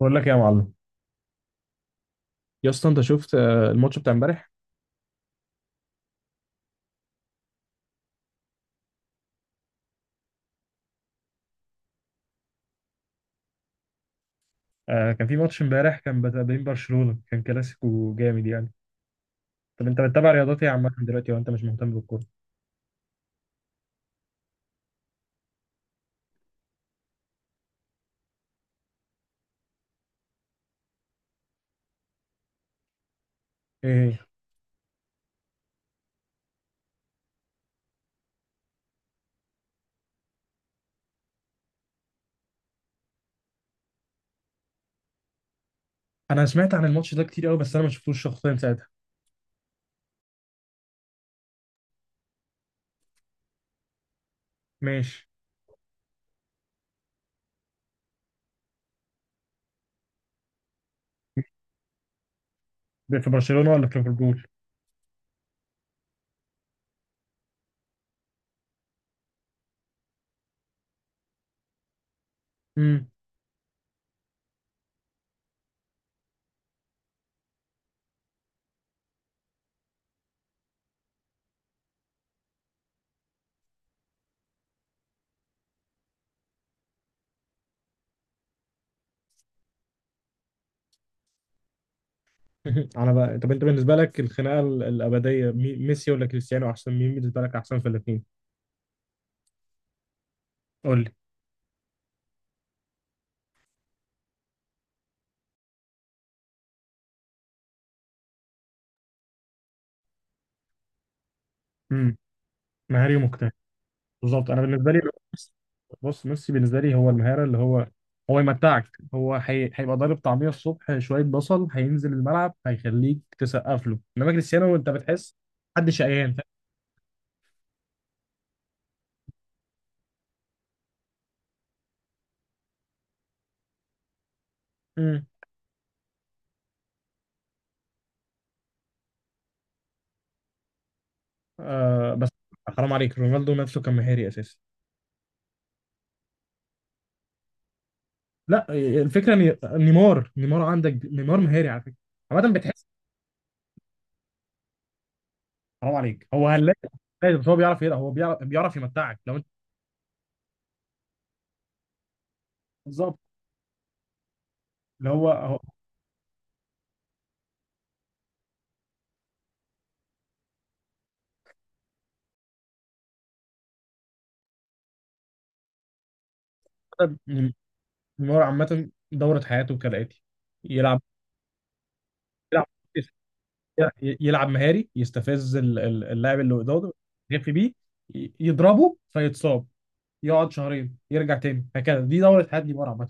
بقول لك يا معلم. يا اسطى، انت شفت الماتش بتاع امبارح؟ آه، كان في ماتش امبارح، كان بتاع بين برشلونة، كان كلاسيكو جامد يعني. طب انت بتتابع رياضات ايه عامة دلوقتي وانت مش مهتم بالكورة؟ ايه هي؟ انا سمعت عن الماتش ده كتير قوي، بس انا ما شفتوش شخصيا ساعتها. ماشي. ده في برشلونة ولا في ليفربول؟ امم. على بقى. طب انت بالنسبه لك الخناقه الابديه، ميسي ولا كريستيانو؟ احسن مين بالنسبه لك؟ احسن في الاثنين. قول لي. امم. مهاري ومجتهد. بالظبط، انا بالنسبه لي بص، ميسي بالنسبه لي هو المهاره، اللي هو يمتعك. هيبقى ضارب طعميه الصبح، شويه بصل، هينزل الملعب، هيخليك تسقف له. انما كريستيانو انت بتحس حد شقيان، فاهم. مم. آه، بس حرام عليك، رونالدو نفسه كان مهاري اساسا. لا، الفكره ان نيمار عندك، نيمار مهاري على فكره، عامه بتحس. حرام عليك، هو هلاك. هلاك، بس هو بيعرف يلعب، هو بيعرف يمتعك لو انت. بالظبط. اللي هو. نيمار عامه دوره حياته كالاتي: يلعب، يلعب، يلعب مهاري، يستفز اللاعب اللي قدامه، يغفي بيه، يضربه فيتصاب، يقعد شهرين يرجع تاني، هكذا دي دورة هادي مرة عامة.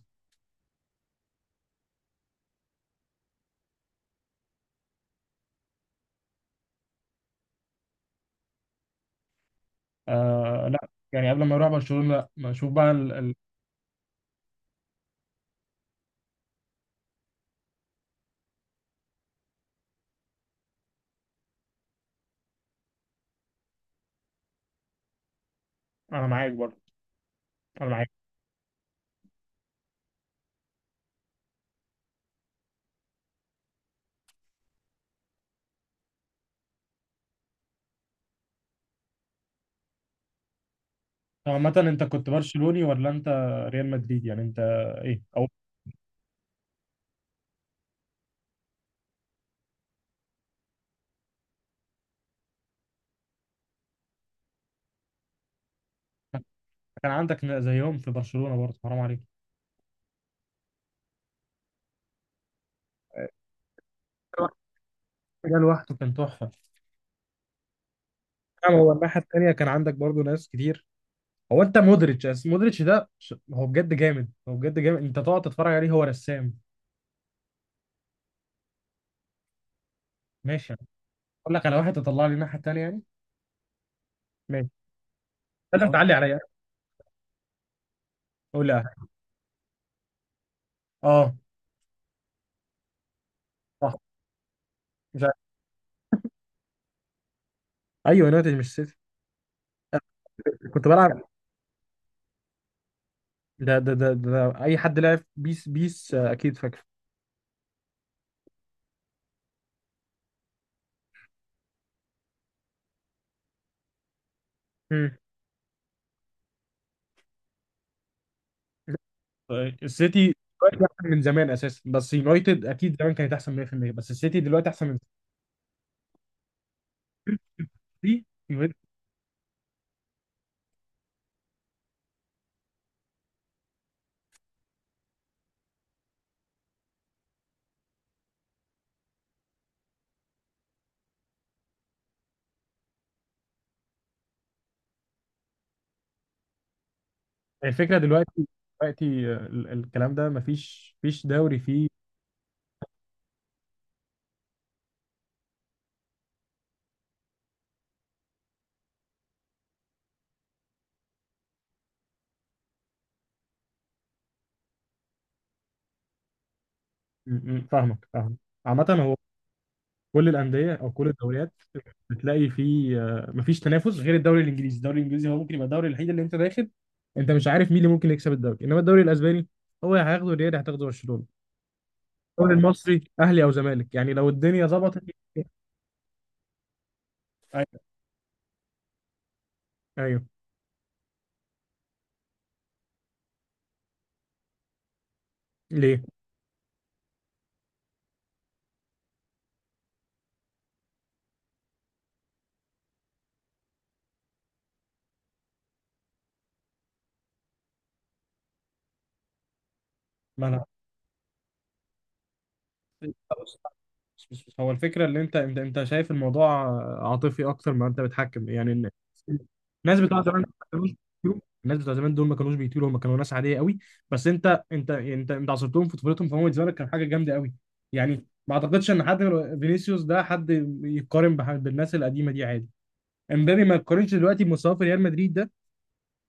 آه لا، يعني قبل ما يروح برشلونة لا، ما اشوف بقى. انا معاك برضه، انا معاك. طب عامة انت كنت برشلوني ولا انت ريال مدريد؟ يعني انت ايه؟ او كان عندك زيهم في برشلونة برضه، حرام عليك. ده لوحده كان تحفة. نعم، هو الناحية التانية كان عندك برضو ناس كتير. هو انت مودريتش، مودريتش ده هو بجد جامد، هو بجد جامد، انت تقعد تتفرج عليه، هو رسام. ماشي. اقول لك على واحد تطلع لي الناحيه التانيه يعني. ماشي، لازم تعلي عليا. قول لي. اه، صح. مش عارف. ايوه، يونايتد مش سيتي. كنت بلعب. ده اي حد لعب بيس بيس، اكيد فاكر. مم. طيب، السيتي دلوقتي احسن من زمان اساسا، بس يونايتد اكيد زمان كانت احسن 100%، بس السيتي دلوقتي احسن من السيتي. يونايتد. الفكره دلوقتي، دلوقتي الكلام ده مفيش دوري فيه. م- م. فاهمك فاهمك، عامة هو كل الأندية أو كل الدوريات بتلاقي فيه مفيش تنافس غير الدوري الإنجليزي. الدوري الإنجليزي هو ممكن يبقى الدوري الوحيد اللي أنت داخل، أنت مش عارف مين اللي ممكن يكسب الدوري. إنما الدوري الأسباني هو يا هياخده الريال يا هتاخده برشلونة، الدوري المصري أهلي أو زمالك، يعني لو الدنيا ظبطت. أيوه. أيوه. ليه؟ ما أنا بس هو الفكرة اللي انت شايف الموضوع عاطفي اكتر ما انت بتحكم، يعني ان الناس بتوع زمان ما كانوش بيطيروا. الناس بتوع زمان دول ما كانوش بيطيروا، هم كانوا ناس عادية قوي. بس انت عصرتهم في طفولتهم، فهم بالنسبة لك كان حاجة جامدة قوي. يعني ما اعتقدش ان حد من فينيسيوس ده حد يقارن بالناس القديمة دي، عادي. امبابي ما يقارنش دلوقتي بمستواه في ريال مدريد ده،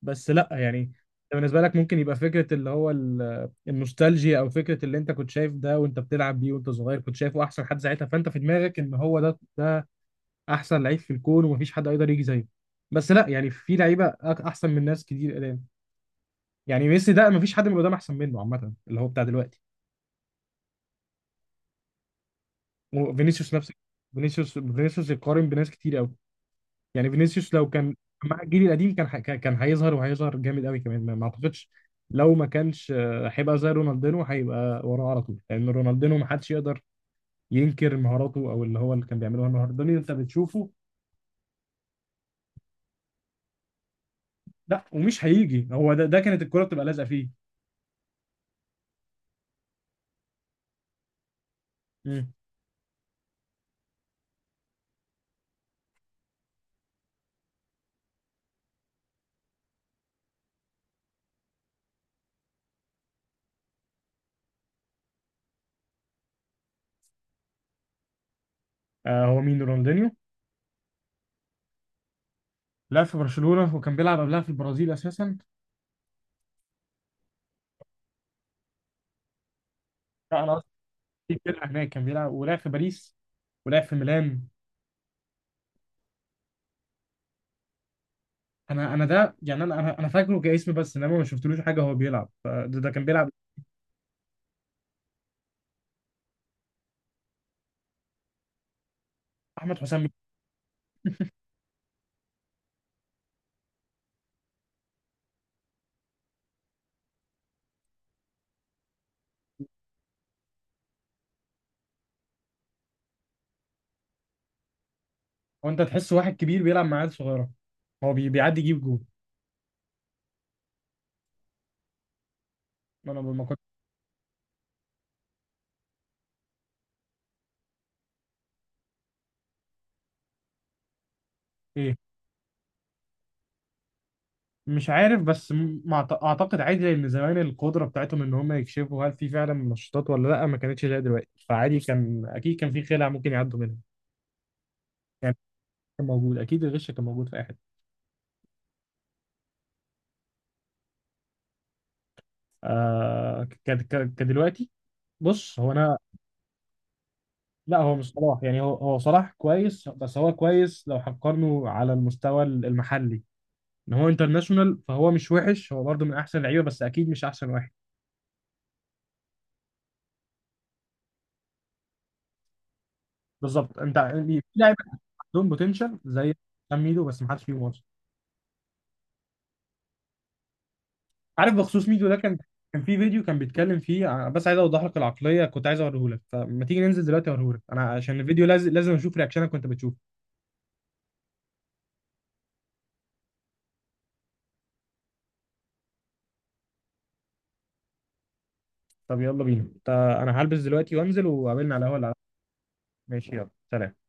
بس لا يعني. انت بالنسبه لك ممكن يبقى فكره اللي هو النوستالجيا، او فكره اللي انت كنت شايف ده وانت بتلعب بيه وانت صغير، كنت شايفه احسن حد ساعتها، فانت في دماغك ان هو ده احسن لعيب في الكون ومفيش حد يقدر يجي زيه. بس لا يعني، في لعيبه احسن من ناس كتير قدام. يعني ميسي ده مفيش حد من قدام احسن منه عامه، اللي هو بتاع دلوقتي. وفينيسيوس نفس. فينيسيوس يقارن بناس كتير قوي. يعني فينيسيوس لو كان مع الجيل القديم كان ح- كان كان هيظهر، وهيظهر جامد قوي كمان. ما اعتقدش، لو ما كانش هيبقى زي رونالدينو، هيبقى وراه على طول، لان رونالدينو ما حدش يقدر ينكر مهاراته، او اللي هو اللي كان بيعمله النهارده اللي انت بتشوفه. لا، ومش هيجي، هو ده كانت الكرة بتبقى لازقه فيه. مم. آه، هو مين رونالدينيو. لعب في برشلونة وكان بيلعب قبلها في البرازيل اساسا. لا انا قصدي في فرقة هناك كان بيلعب، ولعب في باريس، ولعب في ميلان. انا ده يعني انا انا أنا فاكره كاسم، بس انما ما شفتلوش حاجه هو بيلعب، فده كان بيلعب. احمد حسام. وانت تحس واحد كبير بيلعب مع عيال صغيره، هو بيعدي يجيب جول. انا ما كنت. ايه. مش عارف، بس اعتقد عادي، لان زمان القدره بتاعتهم ان هم يكشفوا هل في فعلا منشطات ولا لا ما كانتش زي دلوقتي، فعادي كان اكيد كان في خلع ممكن يعدوا منها. يعني كان موجود، اكيد الغش كان موجود في اي حته. آه، كدلوقتي. بص هو انا، لا هو مش صلاح، يعني هو صلاح كويس، بس هو كويس لو هنقارنه على المستوى المحلي. ان هو انترناشونال فهو مش وحش، هو برضه من احسن اللعيبه بس اكيد مش احسن واحد. بالظبط، انت يعني في لعيبه عندهم بوتنشال زي حسام ميدو، بس ما حدش فيهم اصلا. عارف بخصوص ميدو ده، كان في فيديو كان بيتكلم فيه بس عايز اوضح لك العقليه، كنت عايز اوريه لك، فما تيجي ننزل دلوقتي اوريه لك انا، عشان الفيديو لازم اشوف رياكشنك وانت بتشوفه. طب يلا بينا، انا هلبس دلوقتي وانزل وقابلنا على القهوه. ماشي يلا، سلام.